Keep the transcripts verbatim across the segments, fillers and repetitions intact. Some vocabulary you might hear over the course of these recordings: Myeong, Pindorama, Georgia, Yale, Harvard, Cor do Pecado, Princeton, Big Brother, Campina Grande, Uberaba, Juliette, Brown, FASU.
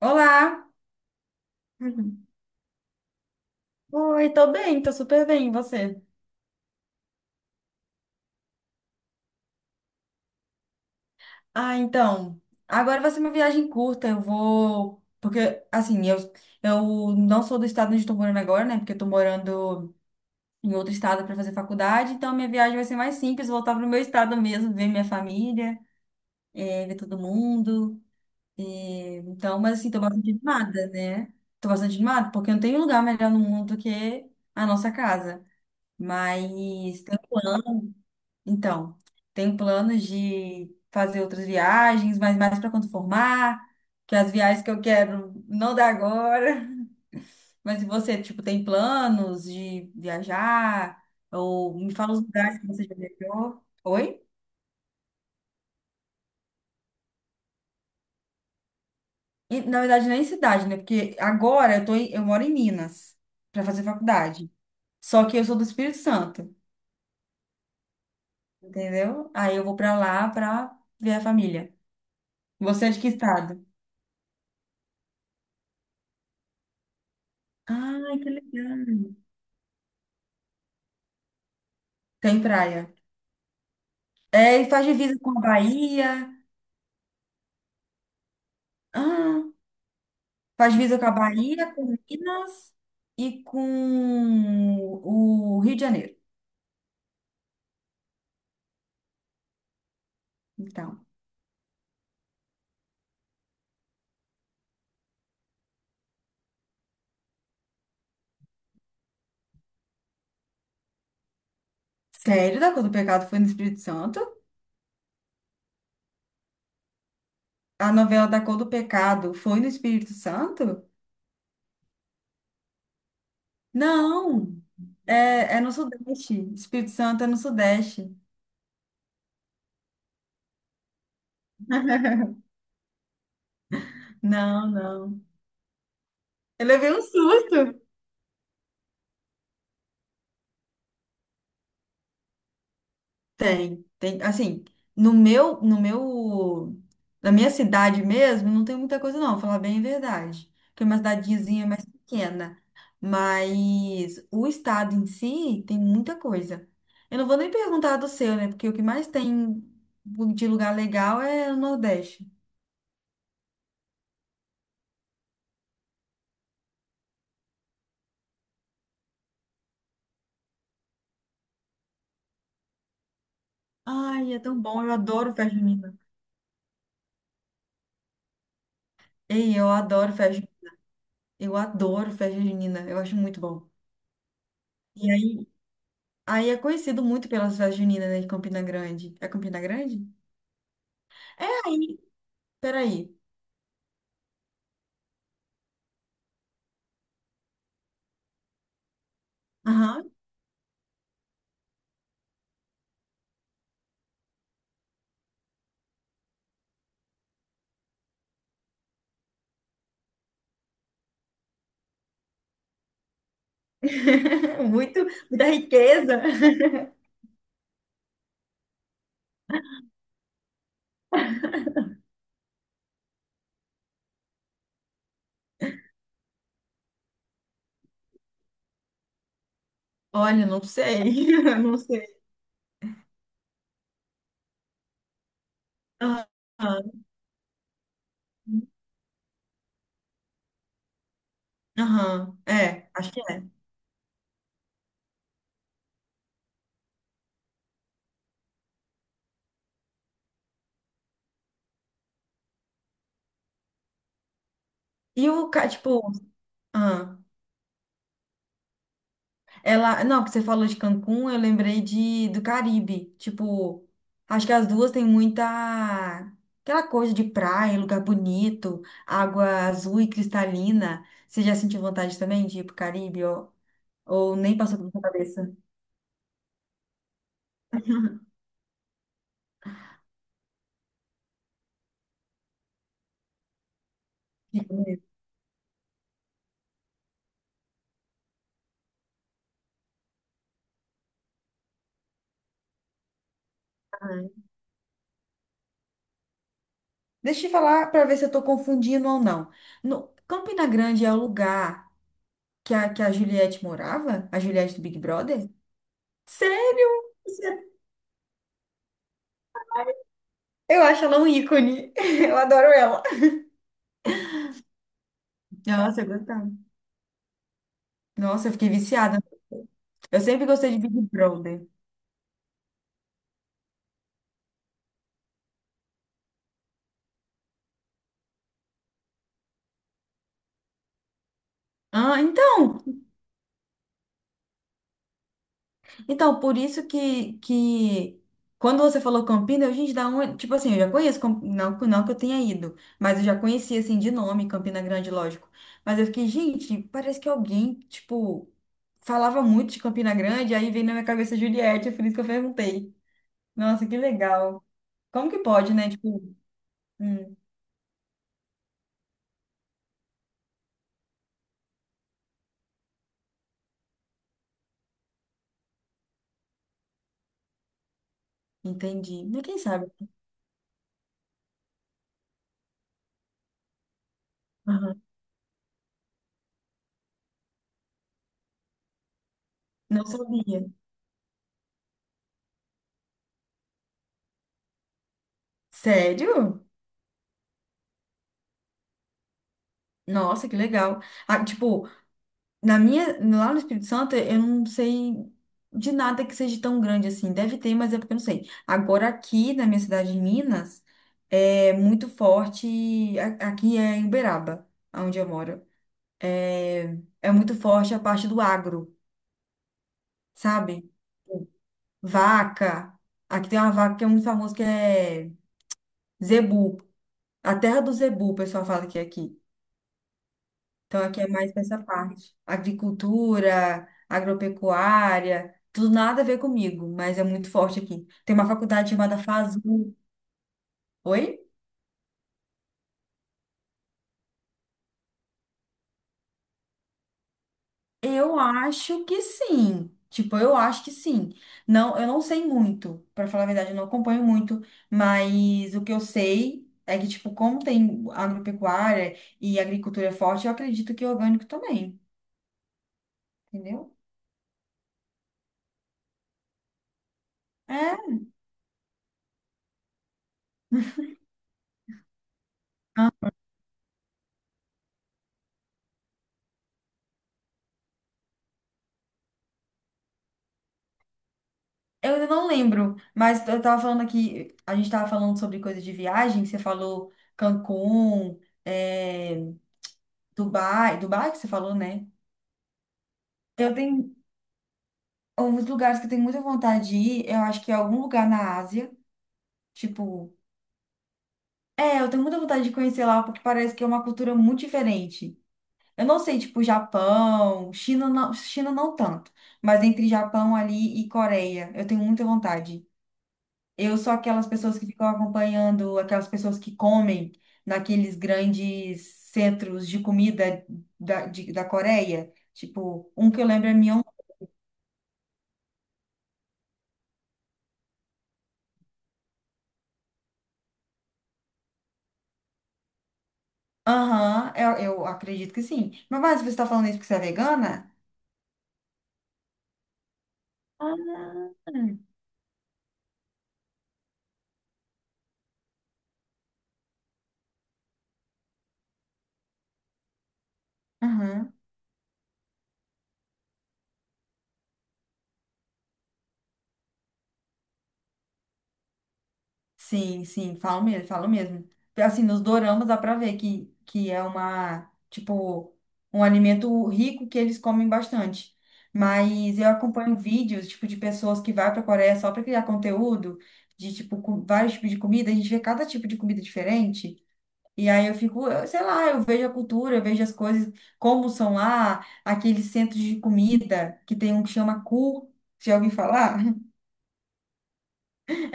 Olá! Uhum. Oi, tô bem, tô super bem, e você? Ah, então, agora vai ser uma viagem curta, eu vou... Porque, assim, eu, eu não sou do estado onde eu tô morando agora, né? Porque eu tô morando em outro estado para fazer faculdade, então minha viagem vai ser mais simples, voltar pro meu estado mesmo, ver minha família, eh, ver todo mundo. Eh, então, mas assim, tô bastante animada, né? Tô bastante animada, porque não tem lugar melhor no mundo do que a nossa casa. Mas... Então, tenho planos de fazer outras viagens, mas mais para quando formar, que as viagens que eu quero não dá agora. Mas e você, tipo, tem planos de viajar? Ou me fala os lugares que você já viajou? Oi? E, na verdade, nem cidade, né? Porque agora eu tô em- eu moro em Minas para fazer faculdade. Só que eu sou do Espírito Santo, entendeu? Aí eu vou para lá para ver a família. Você é de que estado? Ai, que legal. Tem praia. É, e faz divisa com a Bahia. Ah, faz divisa com a Bahia, com Minas e com o Rio de Janeiro. Então, sério, da Cor do Pecado foi no Espírito Santo? A novela da Cor do Pecado foi no Espírito Santo? Não, é, é no Sudeste. Espírito Santo é no Sudeste. Não, não. Eu levei um susto. Tem, tem, assim, no meu, no meu, na minha cidade mesmo, não tem muita coisa não, vou falar bem a verdade, porque é uma cidadezinha mais pequena, mas o estado em si tem muita coisa. Eu não vou nem perguntar do seu, né, porque o que mais tem de lugar legal é o Nordeste. Ai, é tão bom, eu adoro festa junina. Ei, eu adoro festa, ju- Eu adoro festa junina, eu acho muito bom. E aí, aí é conhecido muito pelas festas juninas, né, de Campina Grande. É Campina Grande? É. Aí, peraí. Aham. Muito, muita riqueza. Olha, não sei. eu Não sei. Aham. Aham. É, acho que é. E o, ca- tipo, ah, ela, não, que você falou de Cancún, eu lembrei de do Caribe. Tipo, acho que as duas têm muita aquela coisa de praia, lugar bonito, água azul e cristalina. Você já sentiu vontade também de ir pro Caribe ou, ou nem passou pela sua cabeça? Deixa eu falar para ver se eu estou confundindo ou não. No, Campina Grande é o lugar que a, que a Juliette morava? A Juliette do Big Brother? Sério? Você- eu acho ela um ícone. Eu adoro ela. Nossa, eu gostava. Nossa, eu fiquei viciada. Eu sempre gostei de Big Brother. Ah, então. Então, por isso que, que quando você falou Campina, eu, gente, da onde? Tipo assim, eu já conheço, Camp- não, que- não que eu tenha ido, mas eu já conhecia, assim, de nome, Campina Grande, lógico. Mas eu fiquei, gente, parece que alguém, tipo, falava muito de Campina Grande, aí veio na minha cabeça Juliette, foi isso que eu perguntei. Nossa, que legal. Como que pode, né? Tipo, hum, entendi. Mas quem sabe? Aham. Não sabia. Sério? Nossa, que legal. Ah, tipo, na minha, lá no Espírito Santo, eu não sei de nada que seja tão grande assim. Deve ter, mas é porque eu não sei. Agora, aqui na minha cidade de Minas, é muito forte. a- Aqui é em Uberaba, onde eu moro. É muito forte a parte do agro, sabe? Vaca. Aqui tem uma vaca que é muito famosa, que é zebu. A terra do zebu, o pessoal fala que é aqui. Então, aqui é mais essa parte. Agricultura, agropecuária, tudo nada a ver comigo, mas é muito forte aqui. Tem uma faculdade chamada fasu. Oi? Eu acho que sim. Tipo, eu acho que sim. Não, eu não sei muito, para falar a verdade, eu não acompanho muito, mas o que eu sei é que, tipo, como tem agropecuária e agricultura forte, eu acredito que é orgânico também, entendeu? É. Eu ainda não lembro, mas eu tava falando aqui, a gente tava falando sobre coisa de viagem, você falou Cancún, é, Dubai, Dubai que você falou, né? Eu tenho alguns lugares que eu tenho muita vontade de ir, eu acho que é algum lugar na Ásia, tipo, é, eu tenho muita vontade de conhecer lá, porque parece que é uma cultura muito diferente. Eu não sei, tipo, Japão, China não, China não tanto, mas entre Japão ali e Coreia, eu tenho muita vontade. Eu sou aquelas pessoas que ficam acompanhando aquelas pessoas que comem naqueles grandes centros de comida da, de- da Coreia. Tipo, um que eu lembro é Myeong. Aham, eu, eu acredito que sim. Mas, mas você está falando isso porque você é vegana? Ah, aham. Sim, sim, falo mesmo, falo mesmo. Assim, nos doramas dá pra ver que, que é uma, tipo, um alimento rico que eles comem bastante. Mas eu acompanho vídeos, tipo, de pessoas que vai pra Coreia só pra criar conteúdo, de, tipo, com vários tipos de comida, a gente vê cada tipo de comida diferente. E aí eu fico, eu- sei lá, eu vejo a cultura, eu vejo as coisas, como são lá, aqueles centros de comida, que tem um que chama Ku, já ouvi falar?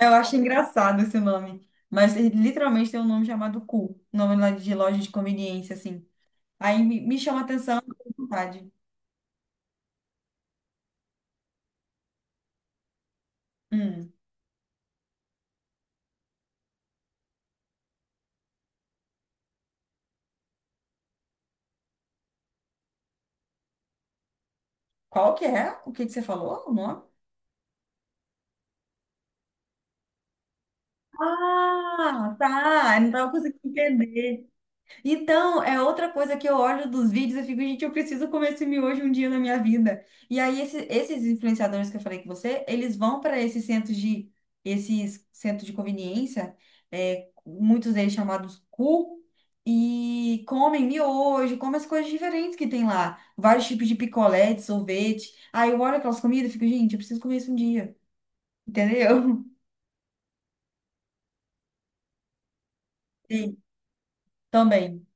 Eu acho engraçado esse nome. Mas ele literalmente tem um nome chamado Cu. Nome lá de loja de conveniência, assim. Aí me, me chama a atenção, eu tenho vontade. Hum, qual que é? O que que você falou? O nome? Ah, tá. Eu não tava conseguindo entender. Então, é outra coisa que eu olho dos vídeos e fico, gente, eu preciso comer esse miojo um dia na minha vida. E aí, esse- esses influenciadores que eu falei com você, eles vão para esses centros de, esses centros de conveniência, é, muitos deles chamados cu, e comem miojo, comem as coisas diferentes que tem lá. Vários tipos de picolé, de sorvete. Aí eu olho aquelas comidas e fico, gente, eu preciso comer isso um dia. Entendeu? Sim, também.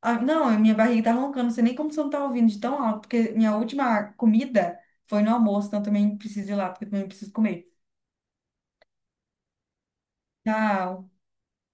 Ah, não, a minha barriga tá roncando, não sei nem como você não tá ouvindo de tão alto, porque minha última comida foi no almoço, então eu também preciso ir lá, porque eu também preciso comer. Tchau.